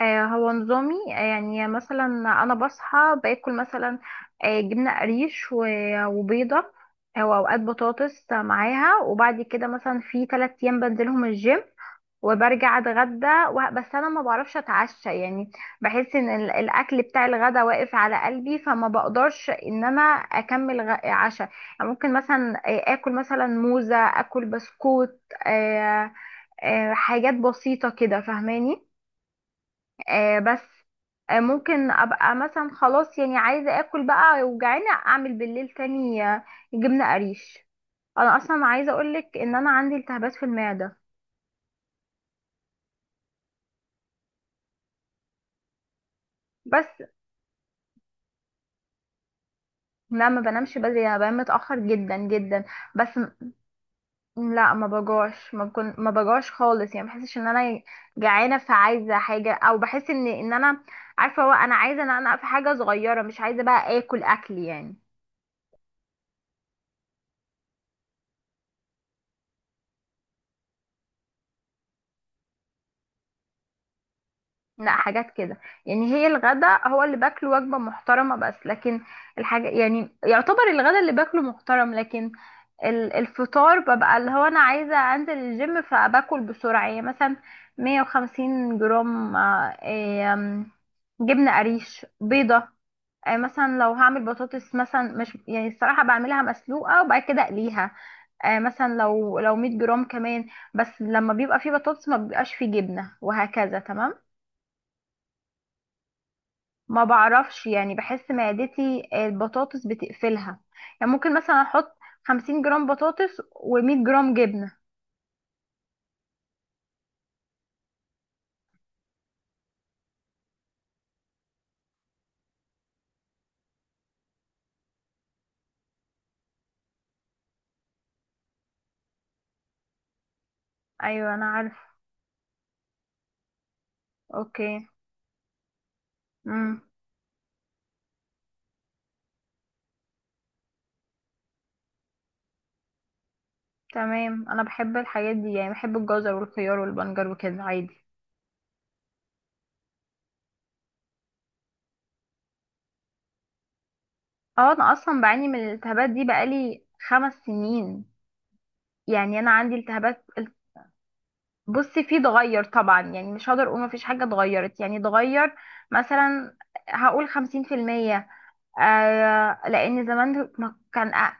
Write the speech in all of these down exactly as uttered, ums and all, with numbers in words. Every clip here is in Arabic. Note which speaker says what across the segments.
Speaker 1: آه، هو نظامي، آه، يعني مثلا انا بصحى باكل مثلا، آه، جبنه قريش و- وبيضه، او اوقات بطاطس معاها. وبعد كده مثلا في ثلاث ايام بنزلهم الجيم، وبرجع اتغدى، و- بس انا ما بعرفش اتعشى، يعني بحس ان ال- الاكل بتاع الغدا واقف على قلبي، فما بقدرش ان انا اكمل غ- عشاء. يعني ممكن مثلا آه، اكل مثلا موزه، اكل بسكوت، آه، آه، حاجات بسيطه كده، فاهماني؟ آه بس. آه ممكن ابقى مثلا خلاص يعني عايزه اكل بقى وجعانه، اعمل بالليل تاني، آه، جبنه قريش. انا اصلا عايزه اقولك ان انا عندي التهابات في المعده. بس لا، ما بنامش بدري، انا بنام متاخر جدا جدا. بس، م- لا ما بجوعش، ما بكون ما بجوعش خالص. يعني ما بحسش ان انا جعانه فعايزه حاجه، او بحس ان ان انا عارفه، هو انا عايزه ان انا في حاجه صغيره، مش عايزه بقى اكل اكل يعني. لا، حاجات كده. يعني هي الغدا هو اللي باكله وجبة محترمة، بس لكن الحاجة يعني، يعتبر الغدا اللي باكله محترم، لكن ال- الفطار ببقى اللي هو انا عايزة انزل الجيم فباكل بسرعة، يعني مثلا 150 جرام، آه، إيه، آم، جبنة قريش، بيضة. آه، مثلا لو هعمل بطاطس، مثلا مش يعني، الصراحة بعملها مسلوقة وبعد كده اقليها. آه، مثلا لو لو 100 جرام كمان. بس لما بيبقى فيه بطاطس ما بيبقاش فيه جبنة، وهكذا. تمام. ما بعرفش، يعني بحس معدتي، آه، البطاطس بتقفلها. يعني ممكن مثلا احط خمسين جرام بطاطس ومية جرام جبنة. ايوه، انا عارف. اوكي. امم. تمام، انا بحب الحاجات دي، يعني بحب الجزر والخيار والبنجر وكده عادي. اه، انا اصلا بعاني من الالتهابات دي بقالي خمس سنين. يعني انا عندي التهابات. بصي، في اتغير طبعا، يعني مش هقدر اقول مفيش حاجة اتغيرت. يعني اتغير مثلا، هقول خمسين في المية. آه لان زمان ما كان أ...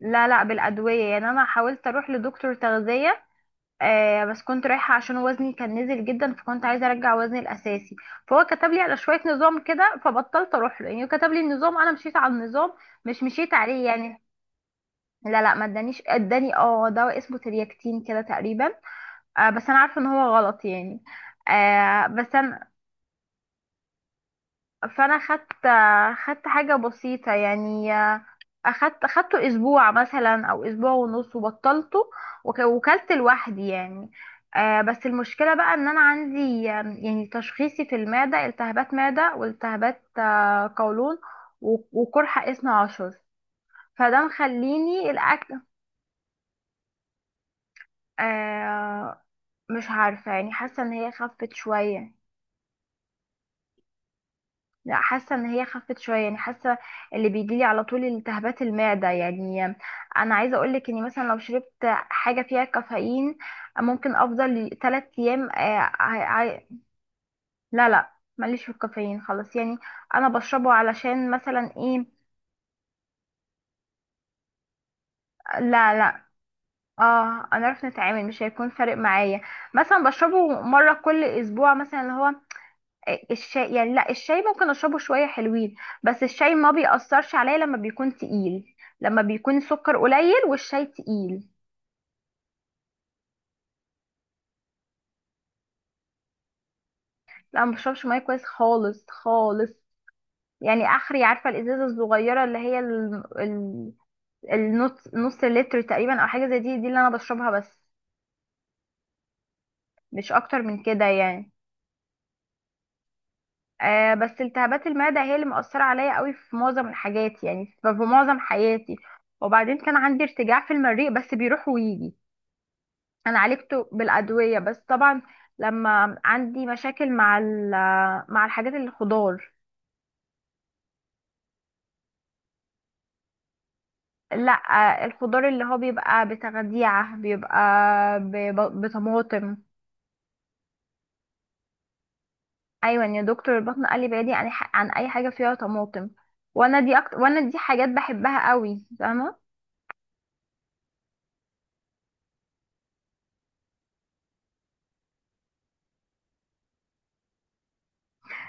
Speaker 1: لا، لا، بالادويه. يعني انا حاولت اروح لدكتور تغذيه، آه بس كنت رايحه عشان وزني كان نزل جدا، فكنت عايزه ارجع وزني الاساسي. فهو كتب لي على شويه نظام كده، فبطلت اروح له. يعني هو كتب لي النظام، انا مشيت على النظام، مش مشيت عليه يعني. لا، لا، ما ادانيش. اداني اه دواء اسمه ترياكتين كده تقريبا. آه بس انا عارفه ان هو غلط يعني. آه بس أنا، فانا خدت، خدت حاجه بسيطه يعني. اخدت اخدته اسبوع مثلا، او اسبوع ونص، وبطلته، وك- وكلت لوحدي يعني. آه بس المشكله بقى، ان انا عندي، آم، يعني تشخيصي في المعده، التهابات معده، والتهابات آه، قولون، و- وقرحه اسمه عشر، فده مخليني الاكل. آه مش عارفه، يعني حاسه ان هي خفت شويه. لا، حاسه ان هي خفت شويه، يعني حاسه. اللي بيجي لي على طول التهابات المعده يعني. انا عايزه اقول لك اني مثلا لو شربت حاجه فيها كافيين، ممكن افضل 3 ايام، آه، عاي- عاي- لا، لا، ماليش في الكافيين خلاص يعني. انا بشربه علشان مثلا ايه. لا، لا. اه، انا عارف نتعامل، مش هيكون فارق معايا. مثلا بشربه مره كل اسبوع مثلا، اللي هو الشاي يعني. لا، الشاي ممكن اشربه شويه حلوين، بس الشاي ما بيأثرش عليا لما بيكون تقيل، لما بيكون سكر قليل والشاي تقيل. لا، ما بشربش ميه كويس خالص خالص. يعني اخري، عارفه الازازه الصغيره اللي هي ال- ال- النص نص لتر تقريبا، او حاجه زي دي دي اللي انا بشربها، بس مش اكتر من كده يعني. آه بس التهابات المعده هي اللي مأثره عليا قوي في معظم الحاجات، يعني في في معظم حياتي. وبعدين كان عندي ارتجاع في المريء، بس بيروح ويجي، انا عالجته بالادويه، بس طبعا لما عندي مشاكل مع ال- مع الحاجات اللي خضار. لا، الخضار اللي هو بيبقى بتغذيعه بيبقى ب- بطماطم. ايوه يا دكتور، البطن قال لي بعيدي عن ح- عن اي حاجه فيها طماطم، وانا دي أكتر، وانا دي حاجات بحبها قوي. فاهمه؟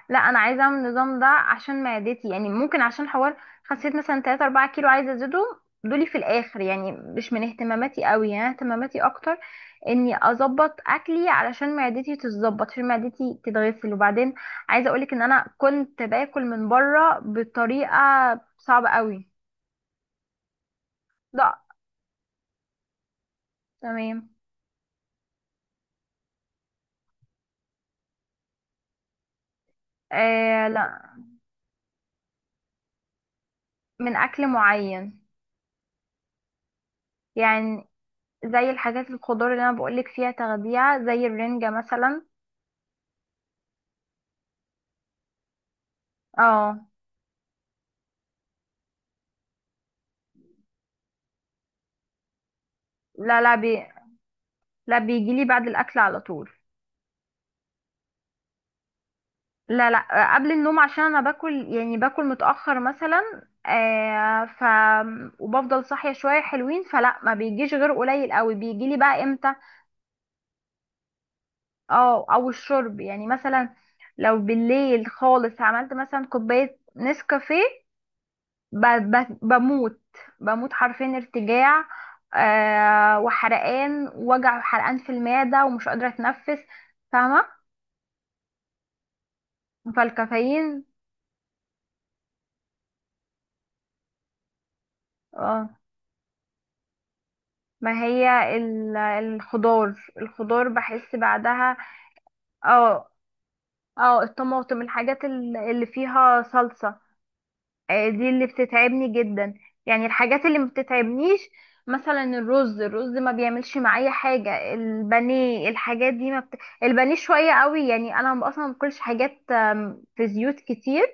Speaker 1: لا، انا عايزه اعمل النظام ده عشان معدتي، يعني ممكن عشان حوار خسيت مثلا تلاته اربعه كيلو عايزه ازيدهم دولي في الاخر. يعني مش من اهتماماتي قوي، يعني اهتماماتي اكتر اني اظبط اكلي علشان معدتي تتظبط، عشان معدتي تتغسل. وبعدين عايزه اقولك ان انا كنت باكل من بره بطريقه صعبه قوي. لا. تمام. آه لا، من اكل معين. يعني زي الحاجات الخضار اللي انا بقولك فيها تغذيه، زي الرنجه مثلا. اه. لا، لا، لا، بيجيلي بعد الاكل على طول. لا، لا، قبل النوم، عشان انا باكل، يعني باكل متاخر مثلا، آه ف وبفضل صاحيه شويه حلوين، فلا ما بيجيش غير قليل قوي. بيجيلي بقى امتى، اه، او الشرب. يعني مثلا لو بالليل خالص عملت مثلا كوبايه نسكافيه، ب- ب- بموت، بموت حرفيا، ارتجاع، آه وحرقان، وجع، حرقان في المعده، ومش قادره اتنفس. فاهمه؟ فالكافيين. اه. ما هي ال- الخضار. الخضار بحس بعدها. اه، اه، الطماطم، الحاجات ال- اللي فيها صلصة، آه، دي اللي بتتعبني جدا. يعني الحاجات اللي ما بتتعبنيش، مثلا الرز الرز ما بيعملش معايا حاجة. البانيه، الحاجات دي ما بت... البانيه شوية قوي، يعني انا اصلا ما باكلش حاجات آم، في زيوت كتير.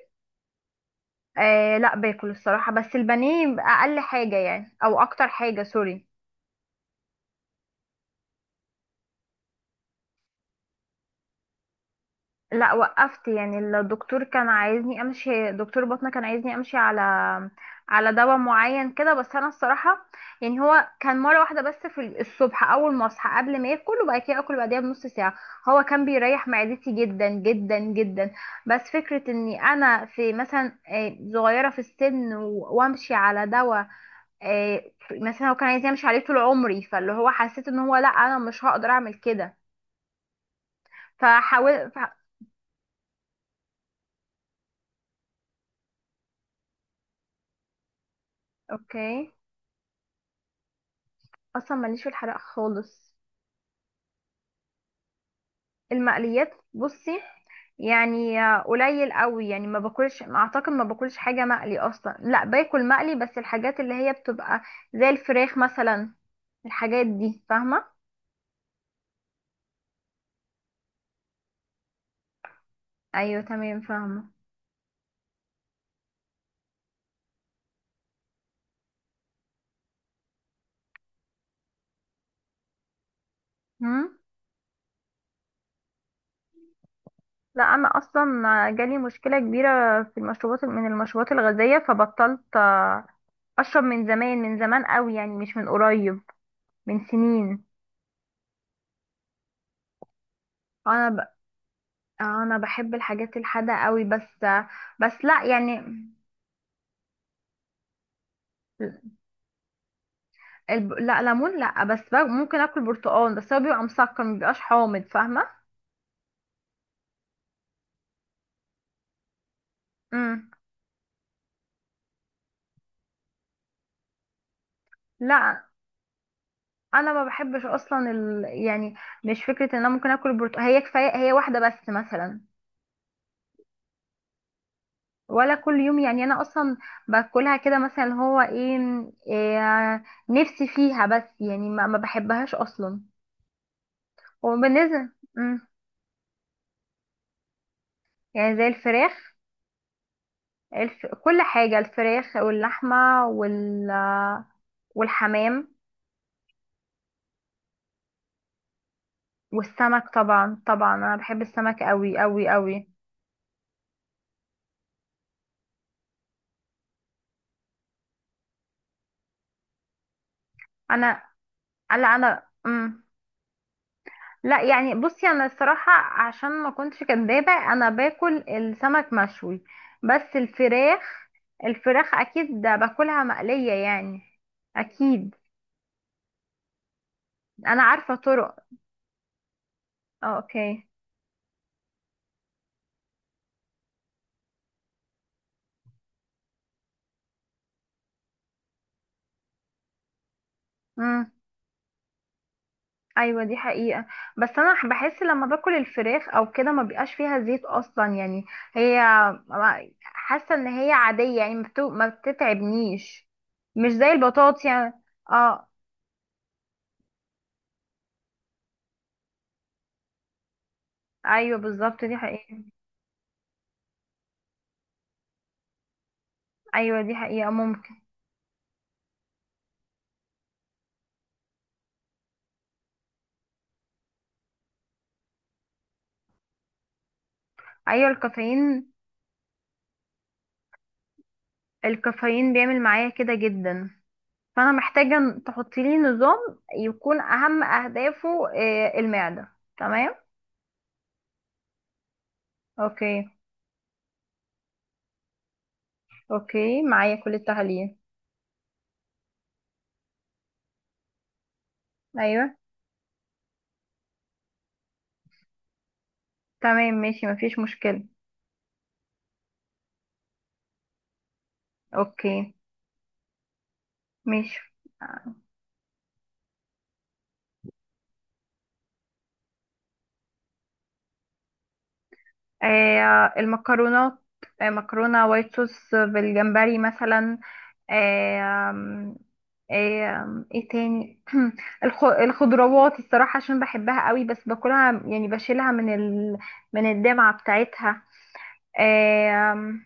Speaker 1: آه لا، باكل الصراحة، بس البانيه اقل حاجة يعني، او اكتر حاجة، سوري. لا، وقفت. يعني الدكتور كان عايزني امشي، دكتور بطنه كان عايزني امشي على، على دواء معين كده، بس انا الصراحه. يعني هو كان مره واحده بس في الصبح، اول ما اصحى قبل ما ياكل، وبعد كده اكل بعديها بنص ساعه. هو كان بيريح معدتي جدا جدا جدا. بس فكره اني انا في مثلا، آه، صغيره في السن، و- وامشي على دواء، آه، مثلا هو كان عايز يمشي عليه طول عمري، فاللي هو حسيت ان هو، لا، انا مش هقدر اعمل كده، فحاول ف... اوكي. اصلا ماليش في الحرق خالص. المقليات، بصي، يعني قليل قوي، يعني ما باكلش، اعتقد ما باكلش حاجه مقلي اصلا. لا، باكل مقلي، بس الحاجات اللي هي بتبقى زي الفراخ مثلا، الحاجات دي. فاهمه؟ ايوه، تمام، فاهمه. هم؟ لا، انا اصلا جالي مشكله كبيره في المشروبات، من المشروبات الغازيه، فبطلت اشرب من زمان، من زمان قوي، يعني مش من قريب، من سنين. انا ب... انا بحب الحاجات الحادقه قوي، بس، بس لا يعني. الب... لا، ليمون لا، بس ب- ممكن اكل برتقال، بس هو بيبقى مسكر، مبيبقاش حامض، فاهمه؟ امم. لا، انا ما بحبش اصلا ال... يعني مش فكره ان انا ممكن اكل برتقال، هي كفايه هي واحده بس مثلا، ولا كل يوم. يعني انا اصلا باكلها كده، مثلا اللي هو ايه, إيه نفسي فيها، بس يعني ما, ما بحبهاش اصلا. وبالنسبه، امم، يعني زي الفراخ، الف... كل حاجه، الفراخ واللحمه وال والحمام. والسمك طبعا، طبعا انا بحب السمك قوي قوي قوي. انا، لا، انا، امم لا يعني، بصي، انا الصراحه عشان ما كنتش كدابه، انا باكل السمك مشوي، بس الفراخ الفراخ اكيد ده باكلها مقليه يعني، اكيد. انا عارفه طرق. آه، اوكي. ايوه، دي حقيقة، بس انا ح- بحس لما باكل الفراخ او كده، ما بيبقاش فيها زيت اصلا يعني. هي حاسة ان هي عادية، يعني ما بتو- ما بتتعبنيش، مش زي البطاطس يعني. اه. ايوه بالظبط، دي حقيقة. ايوه دي حقيقة، ممكن. ايوه، الكافيين، الكافيين بيعمل معايا كده جدا. فانا محتاجة ن- تحطي لي نظام يكون اهم اهدافه آه، المعدة. تمام. اوكي. اوكي، معايا كل التحاليل. ايوه تمام ماشي، مفيش مشكلة. اوكي، ماشي. آه آه، المكرونات، آه مكرونة وايت صوص بالجمبري مثلا، آه آم، آه آم، ايه تاني؟ الخ- الخضروات، الصراحة عشان بحبها قوي، بس باكلها يعني، بشيلها من ال... من الدمعة بتاعتها. آه آم،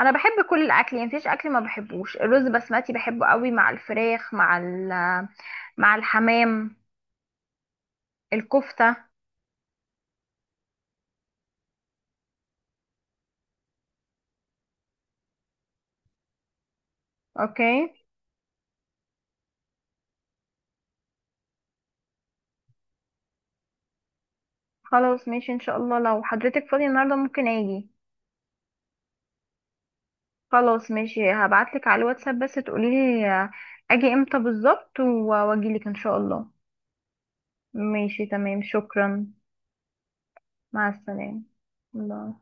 Speaker 1: انا بحب كل الاكل، يعني مفيش اكل ما بحبوش. الرز بسمتي بحبه قوي، مع الفراخ، مع ال... مع الحمام، الكفتة. اوكي. خلاص ماشي ان شاء الله، لو حضرتك فاضية النهاردة ممكن اجي. خلاص ماشي، هبعتلك على الواتساب بس تقوليلي آه، اجي امتى بالظبط، و- واجيلك ان شاء الله. ماشي، تمام، شكرا. مع السلامة. الله.